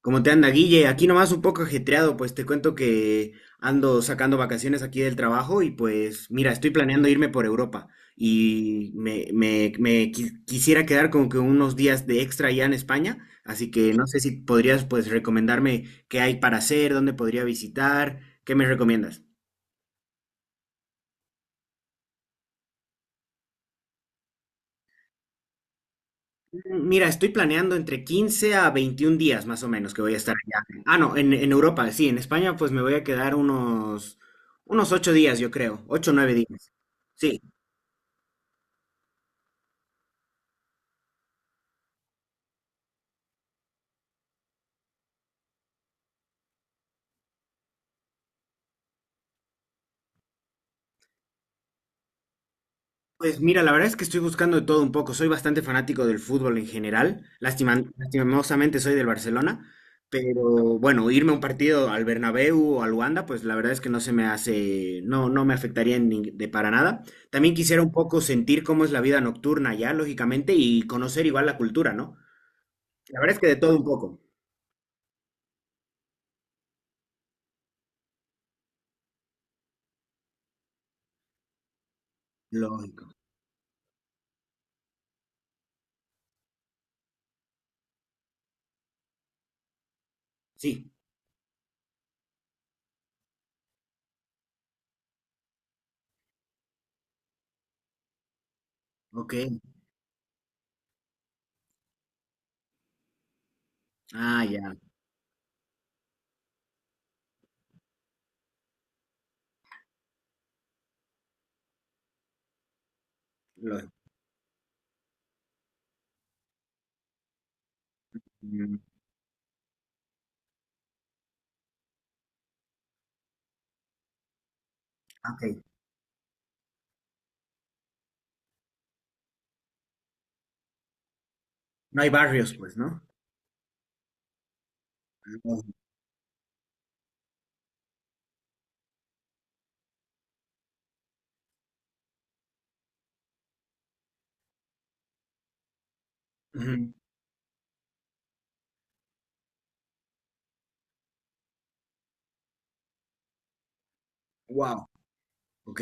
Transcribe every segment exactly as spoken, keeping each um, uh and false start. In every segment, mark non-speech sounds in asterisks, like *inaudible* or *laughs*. ¿Cómo te anda, Guille? Aquí nomás un poco ajetreado, pues te cuento que ando sacando vacaciones aquí del trabajo y pues mira, estoy planeando irme por Europa y me, me- me qui- quisiera quedar como que unos días de extra allá en España, así que no sé si podrías pues recomendarme qué hay para hacer, dónde podría visitar, ¿qué me recomiendas? Mira, estoy planeando entre quince a veintiún días más o menos que voy a estar allá. Ah, no, en, en Europa, sí, en España pues me voy a quedar unos, unos ocho días, yo creo, ocho o nueve días. Sí. Pues mira, la verdad es que estoy buscando de todo un poco. Soy bastante fanático del fútbol en general. Lástima, lastimosamente soy del Barcelona, pero bueno, irme a un partido al Bernabéu o al Wanda, pues la verdad es que no se me hace, no, no me afectaría en nin- de para nada. También quisiera un poco sentir cómo es la vida nocturna allá, lógicamente, y conocer igual la cultura, ¿no? La verdad es que de todo un poco. Lógico. Sí. Ok. Ah, ya. Lógico. Mm, ok. No hay barrios, pues, ¿no? Wow. Ok.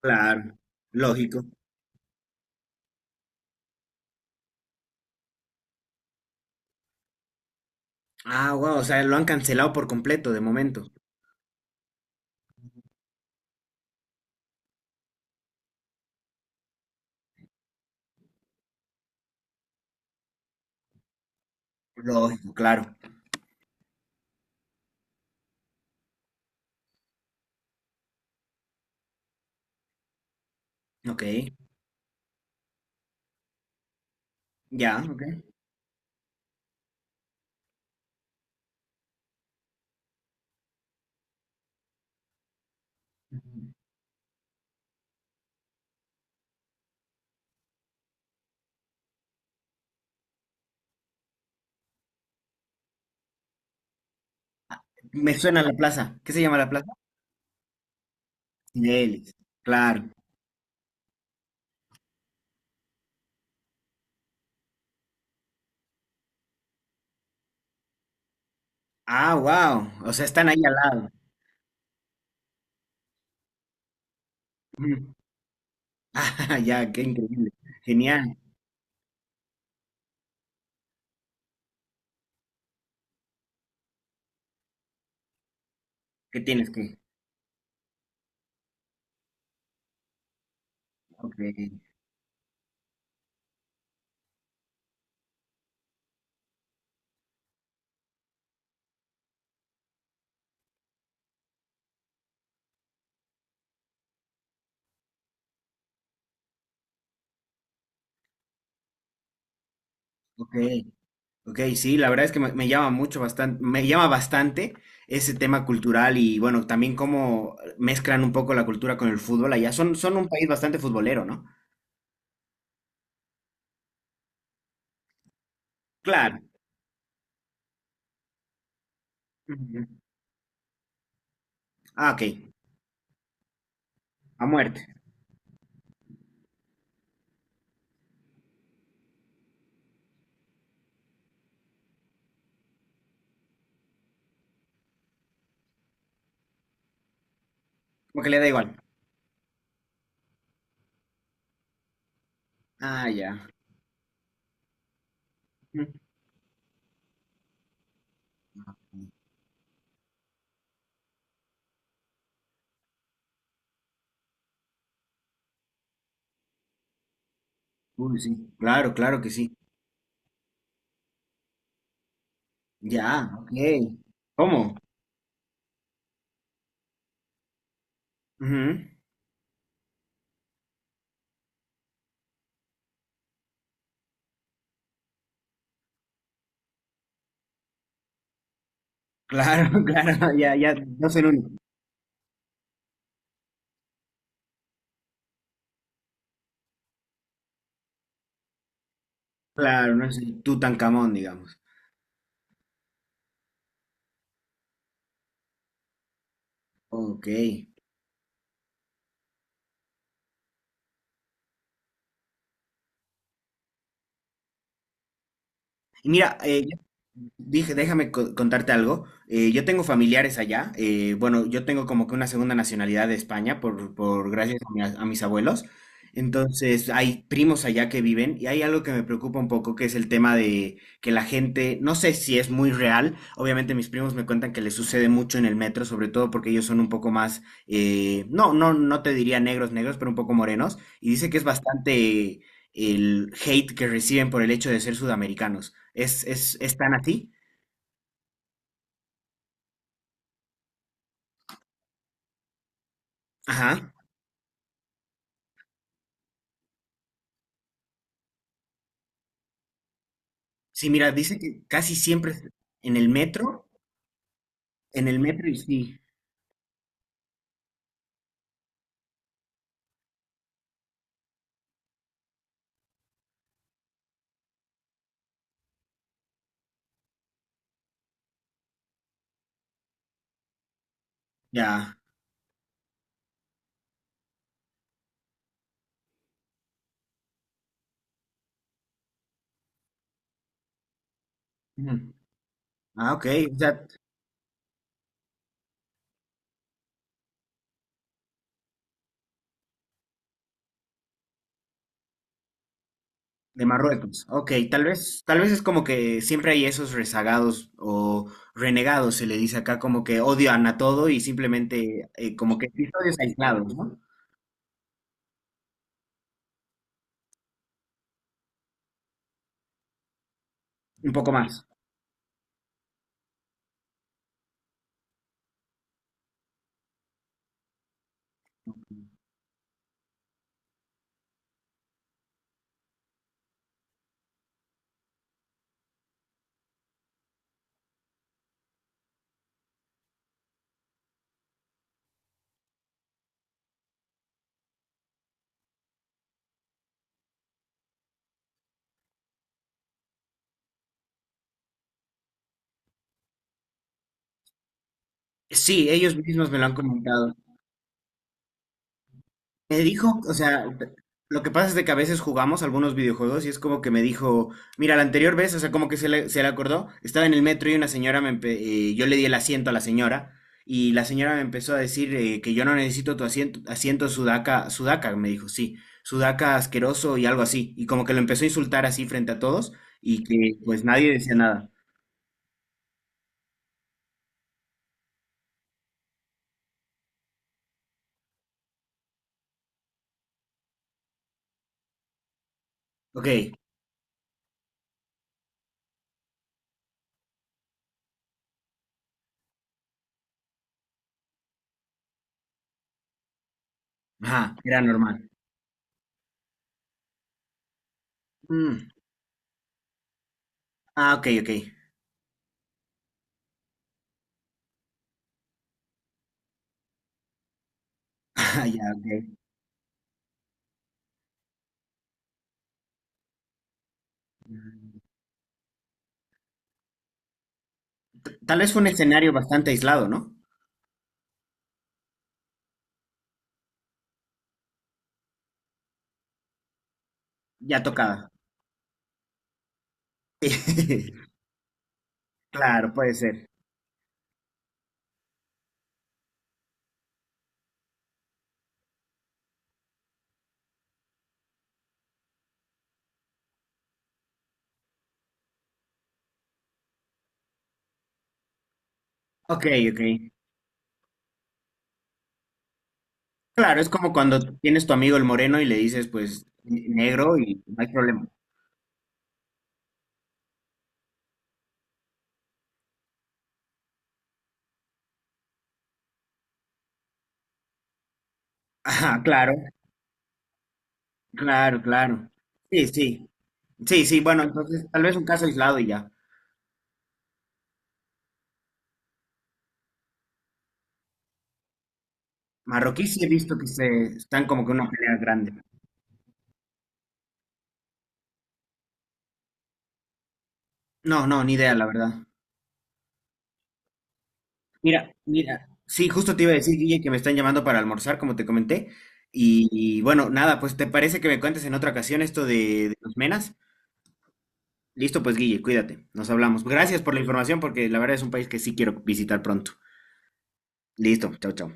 Claro, lógico. Ah, wow, o sea, lo han cancelado por completo de momento. Lógico, claro. Ok, ya, ok. Me suena la plaza. ¿Qué se llama la plaza? Cibeles. Claro. Ah, wow. O sea, están ahí al lado. Ujú. *laughs* Ah, ya, qué increíble. Genial. ¿Qué tienes que? Ok, ok, ok. Sí, la verdad es que me, me llama mucho bastante, me llama bastante ese tema cultural y bueno, también cómo mezclan un poco la cultura con el fútbol allá. Son, son un país bastante futbolero, ¿no? Claro. Ujú. Ah, ok. A muerte. Como que le da igual. Ah, ya. Ujú. Uy, sí. Claro, claro que sí. Ya, ok. ¿Cómo? Ujú. Claro, *laughs* claro. Ya, ya. No soy el único. Claro, no soy Tutankamón, digamos. Ok. Y mira, eh, Dije, déjame co- contarte algo. Eh, yo tengo familiares allá. Eh, Bueno, yo tengo como que una segunda nacionalidad de España por, por gracias a, mi- a mis abuelos. Entonces, hay primos allá que viven y hay algo que me preocupa un poco, que es el tema de que la gente, no sé si es muy real. Obviamente, mis primos me cuentan que les sucede mucho en el metro, sobre todo porque ellos son un poco más, eh, no, no, no te diría negros, negros, pero un poco morenos. Y dice que es bastante el hate que reciben por el hecho de ser sudamericanos. ¿Es, es, ¿es tan así? Ajá. Sí, mira, dice que casi siempre es en el metro, en el metro y sí, ya. Ujú. Ah, ok, o sea, de Marruecos. Ok, tal vez, tal vez es como que siempre hay esos rezagados o renegados, se le dice acá, como que odian a todo y simplemente eh, como que episodios aislados, ¿no? Un poco más. Sí, ellos mismos me lo han comentado. Me dijo, o sea, lo que pasa es de que a veces jugamos algunos videojuegos y es como que me dijo, mira, la anterior vez, o sea, como que se le, se le acordó, estaba en el metro y una señora me empe- eh, yo le di el asiento a la señora y la señora me empezó a decir eh, que yo no necesito tu asiento, asiento sudaca, sudaca, me dijo, sí, sudaca asqueroso y algo así, y como que lo empezó a insultar así frente a todos y que pues nadie decía nada. Ok, ajá, era normal. Mm, ah, ok, ok. *laughs* Ah, ya, ok. Tal vez fue un escenario bastante aislado, ¿no? Ya tocaba. *laughs* Claro, puede ser. Ok, ok. Claro, es como cuando tienes tu amigo el moreno y le dices, pues, ne- negro y no hay problema. *laughs* Ajá, claro, claro, claro. Sí, sí. Sí, sí, bueno, entonces tal vez un caso aislado y ya. Marroquí sí he visto que se están como que en una pelea grande. No, no, ni idea, la verdad. Mira, mira, sí, justo te iba a decir, Guille, que me están llamando para almorzar, como te comenté. Y, y, bueno, nada, pues ¿te parece que me cuentes en otra ocasión esto de, de los menas? Listo, pues Guille, cuídate. Nos hablamos. Gracias por la información porque la verdad es un país que sí quiero visitar pronto. Listo, chao, chao.